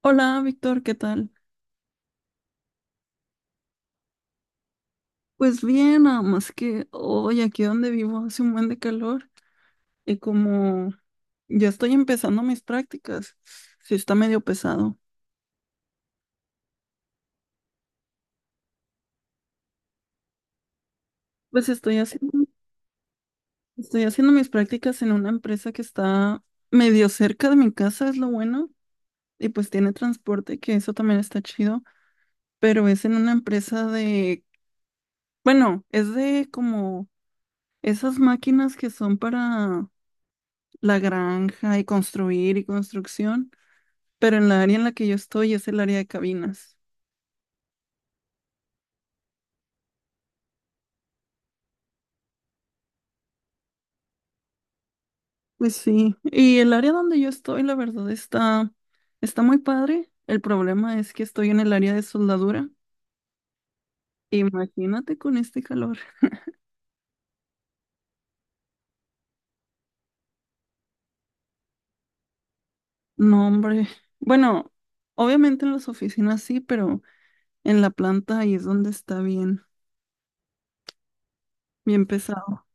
Hola, Víctor, ¿qué tal? Pues bien, nada más que hoy aquí donde vivo hace un buen de calor y como ya estoy empezando mis prácticas, sí está medio pesado. Pues estoy haciendo mis prácticas en una empresa que está medio cerca de mi casa, es lo bueno, y pues tiene transporte, que eso también está chido, pero es en una empresa de, bueno, es de como esas máquinas que son para la granja y construir y construcción. Pero en la área en la que yo estoy es el área de cabinas. Pues sí. Y el área donde yo estoy, la verdad, está muy padre. El problema es que estoy en el área de soldadura. Imagínate con este calor. No, hombre. Bueno, obviamente en las oficinas sí, pero en la planta ahí es donde está bien, bien pesado.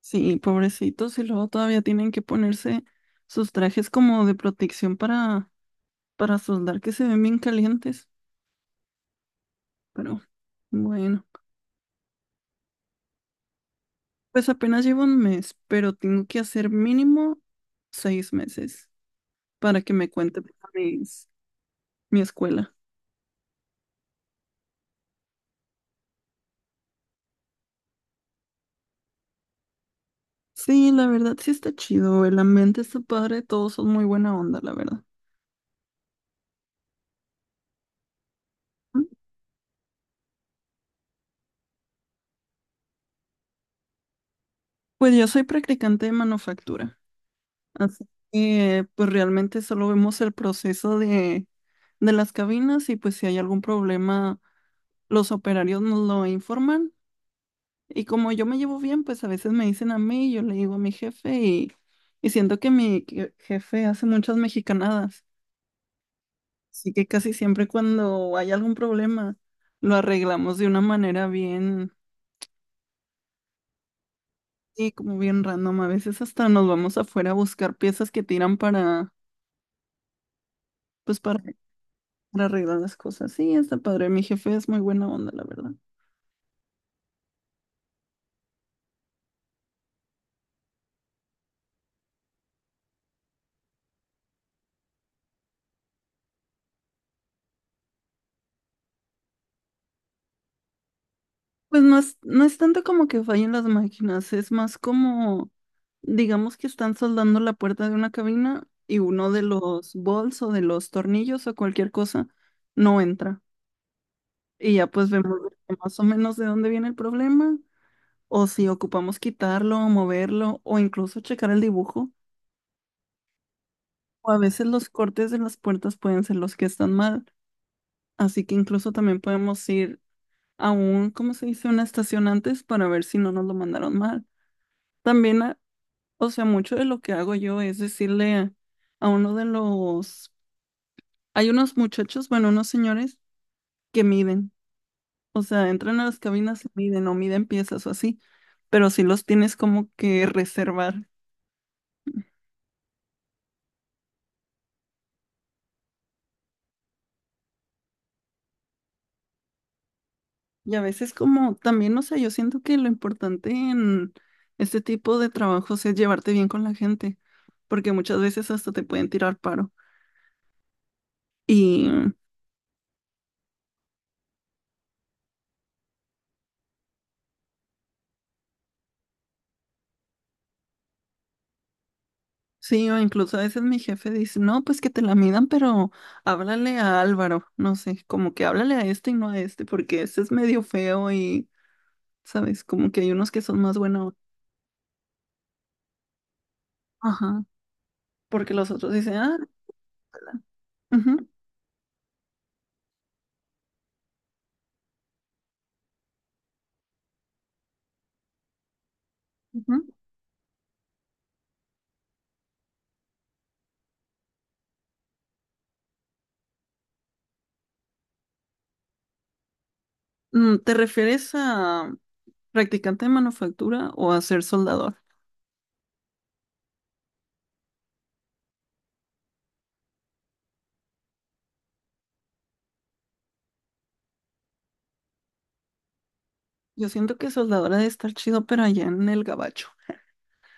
Sí, pobrecitos. Y luego todavía tienen que ponerse sus trajes como de protección para soldar que se ven bien calientes. Pero bueno. Pues apenas llevo un mes, pero tengo que hacer mínimo 6 meses para que me cuente mis- mi escuela. Sí, la verdad sí está chido, el ambiente está padre, todos son muy buena onda, la verdad. Ujú. Pues yo soy practicante de manufactura, así que pues realmente solo vemos el proceso de las cabinas y pues si hay algún problema, los operarios nos lo informan. Y como yo me llevo bien, pues a veces me dicen a mí, yo le digo a mi jefe y siento que mi jefe hace muchas mexicanadas. Así que casi siempre cuando hay algún problema, lo arreglamos de una manera bien, y como bien random. A veces hasta nos vamos afuera a buscar piezas que tiran pues para arreglar las cosas. Sí, está padre. Mi jefe es muy buena onda, la verdad. Pues no es tanto como que fallen las máquinas, es más como, digamos que están soldando la puerta de una cabina y uno de los bolts o de los tornillos o cualquier cosa no entra. Y ya pues vemos más o menos de dónde viene el problema, o si ocupamos quitarlo, moverlo, o incluso checar el dibujo. O a veces los cortes de las puertas pueden ser los que están mal, así que incluso también podemos ir a un, ¿cómo se dice? Una estación antes para ver si no nos lo mandaron mal. También o sea, mucho de lo que hago yo es decirle a uno de los... Hay unos muchachos, bueno, unos señores que miden. O sea, entran a las cabinas y miden o miden piezas o así, pero sí los tienes como que reservar. Y a veces como también, o sea, yo siento que lo importante en este tipo de trabajos es llevarte bien con la gente, porque muchas veces hasta te pueden tirar paro. Sí, o incluso a veces mi jefe dice, no, pues que te la midan, pero háblale a Álvaro, no sé, como que háblale a este y no a este, porque este es medio feo y, ¿sabes? Como que hay unos que son más buenos. Ajá. Porque los otros dicen, ah, ujú, ujú. Mm, ¿te refieres a practicante de manufactura o a ser soldador? Yo siento que soldador ha de estar chido, pero allá en el gabacho,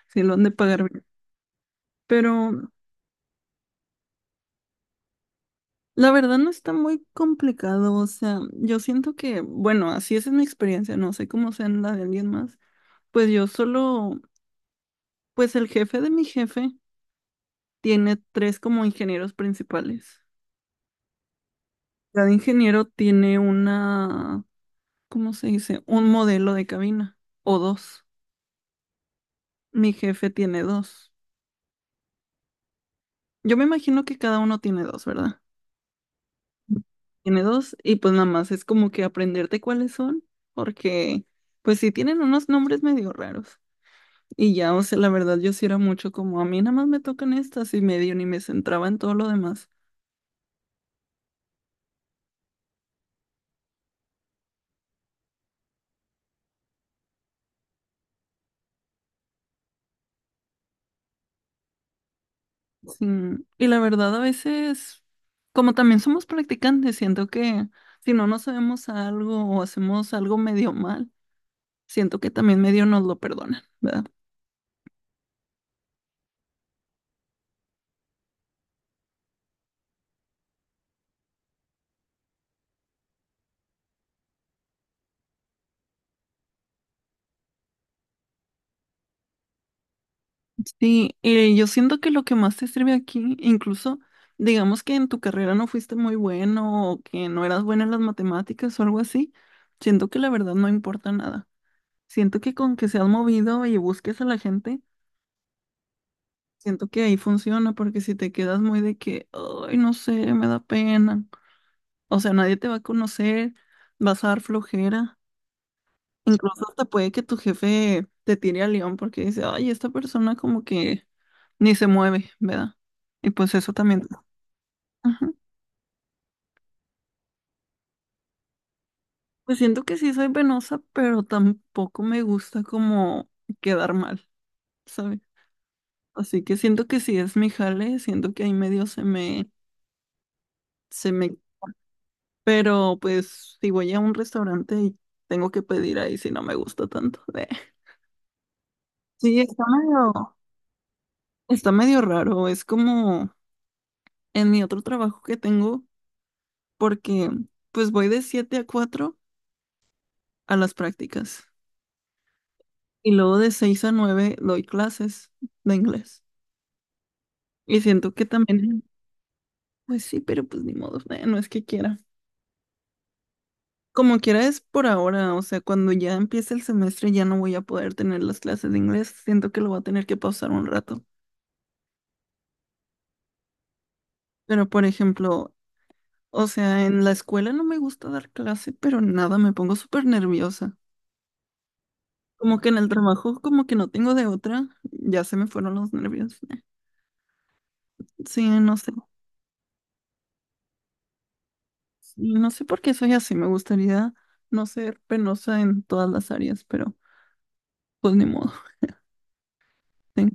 si lo han de pagar bien. Pero la verdad no está muy complicado, o sea, yo siento que, bueno, así es en mi experiencia, no sé cómo sea en la de alguien más, pues yo solo, pues el jefe de mi jefe tiene tres como ingenieros principales. Cada ingeniero tiene una, ¿cómo se dice? Un modelo de cabina o dos. Mi jefe tiene dos. Yo me imagino que cada uno tiene dos, ¿verdad? Tiene dos y pues nada más es como que aprenderte cuáles son, porque pues sí tienen unos nombres medio raros. Y ya, o sea, la verdad yo sí era mucho como a mí nada más me tocan estas y medio ni me centraba en todo lo demás. Sí. Y la verdad a veces, como también somos practicantes, siento que si no nos sabemos algo o hacemos algo medio mal, siento que también medio nos lo perdonan, ¿verdad? Sí, y yo siento que lo que más te sirve aquí, incluso digamos que en tu carrera no fuiste muy bueno o que no eras buena en las matemáticas o algo así, siento que la verdad no importa nada. Siento que con que seas movido y busques a la gente, siento que ahí funciona, porque si te quedas muy de que, ay, no sé, me da pena. O sea, nadie te va a conocer, vas a dar flojera. Incluso hasta puede que tu jefe te tire al león porque dice, ay, esta persona como que ni se mueve, ¿verdad? Y pues eso también. Ajá. Pues siento que sí soy penosa, pero tampoco me gusta como quedar mal, ¿sabes? Así que siento que sí es mi jale, siento que ahí medio se me, se me. Pero pues si voy a un restaurante y tengo que pedir ahí si no me gusta tanto. Eh. Sí, está medio raro. Es como en mi otro trabajo que tengo, porque pues voy de 7 a 4 a las prácticas y luego de 6 a 9 doy clases de inglés. Y siento que también, pues sí, pero pues ni modo, no es que quiera. Como quiera es por ahora, o sea, cuando ya empiece el semestre ya no voy a poder tener las clases de inglés, siento que lo voy a tener que pausar un rato. Pero, por ejemplo, o sea, en la escuela no me gusta dar clase, pero nada, me pongo súper nerviosa. Como que en el trabajo, como que no tengo de otra, ya se me fueron los nervios. Sí, no sé. Sí, no sé por qué soy así. Me gustaría no ser penosa en todas las áreas, pero pues ni modo. Sí,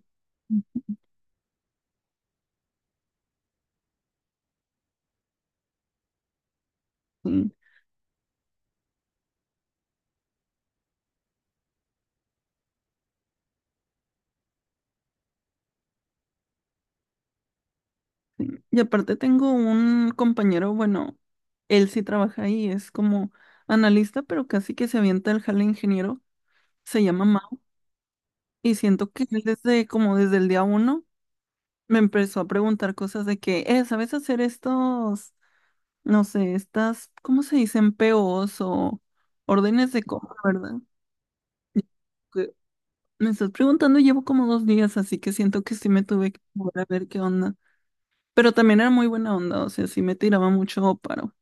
sí. Y aparte tengo un compañero, bueno, él sí trabaja ahí, es como analista, pero casi que se avienta el jale ingeniero. Se llama Mario. Y siento que él desde, como desde el día uno, me empezó a preguntar cosas de que, ¿sabes hacer estos, no sé, estas, ¿cómo se dicen? POs o órdenes de compra, ¿verdad? Que me estás preguntando, llevo como 2 días, así que siento que sí me tuve que mover a ver qué onda. Pero también era muy buena onda, o sea, sí me tiraba mucho paro.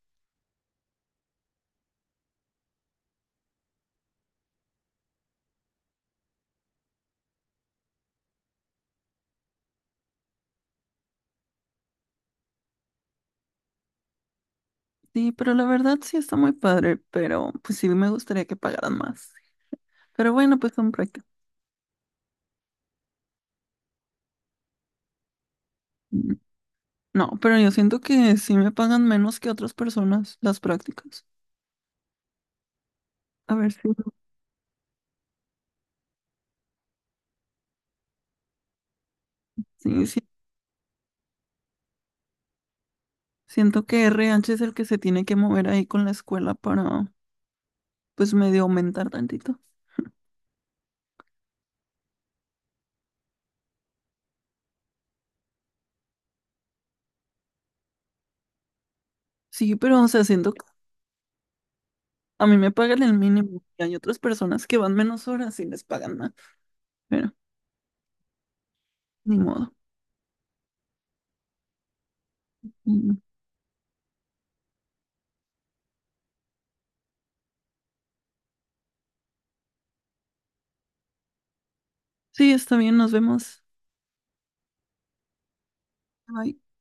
Sí, pero la verdad sí está muy padre, pero pues sí me gustaría que pagaran más. Pero bueno, pues son prácticas. No, pero yo siento que sí me pagan menos que otras personas las prácticas. A ver si. Sí, sí. Siento que R. RH es el que se tiene que mover ahí con la escuela para, pues, medio aumentar tantito. Sí, pero, o sea, siento que a mí me pagan el mínimo y hay otras personas que van menos horas y les pagan más. Pero, ni modo. Mm. Sí, está bien, nos vemos. Bye.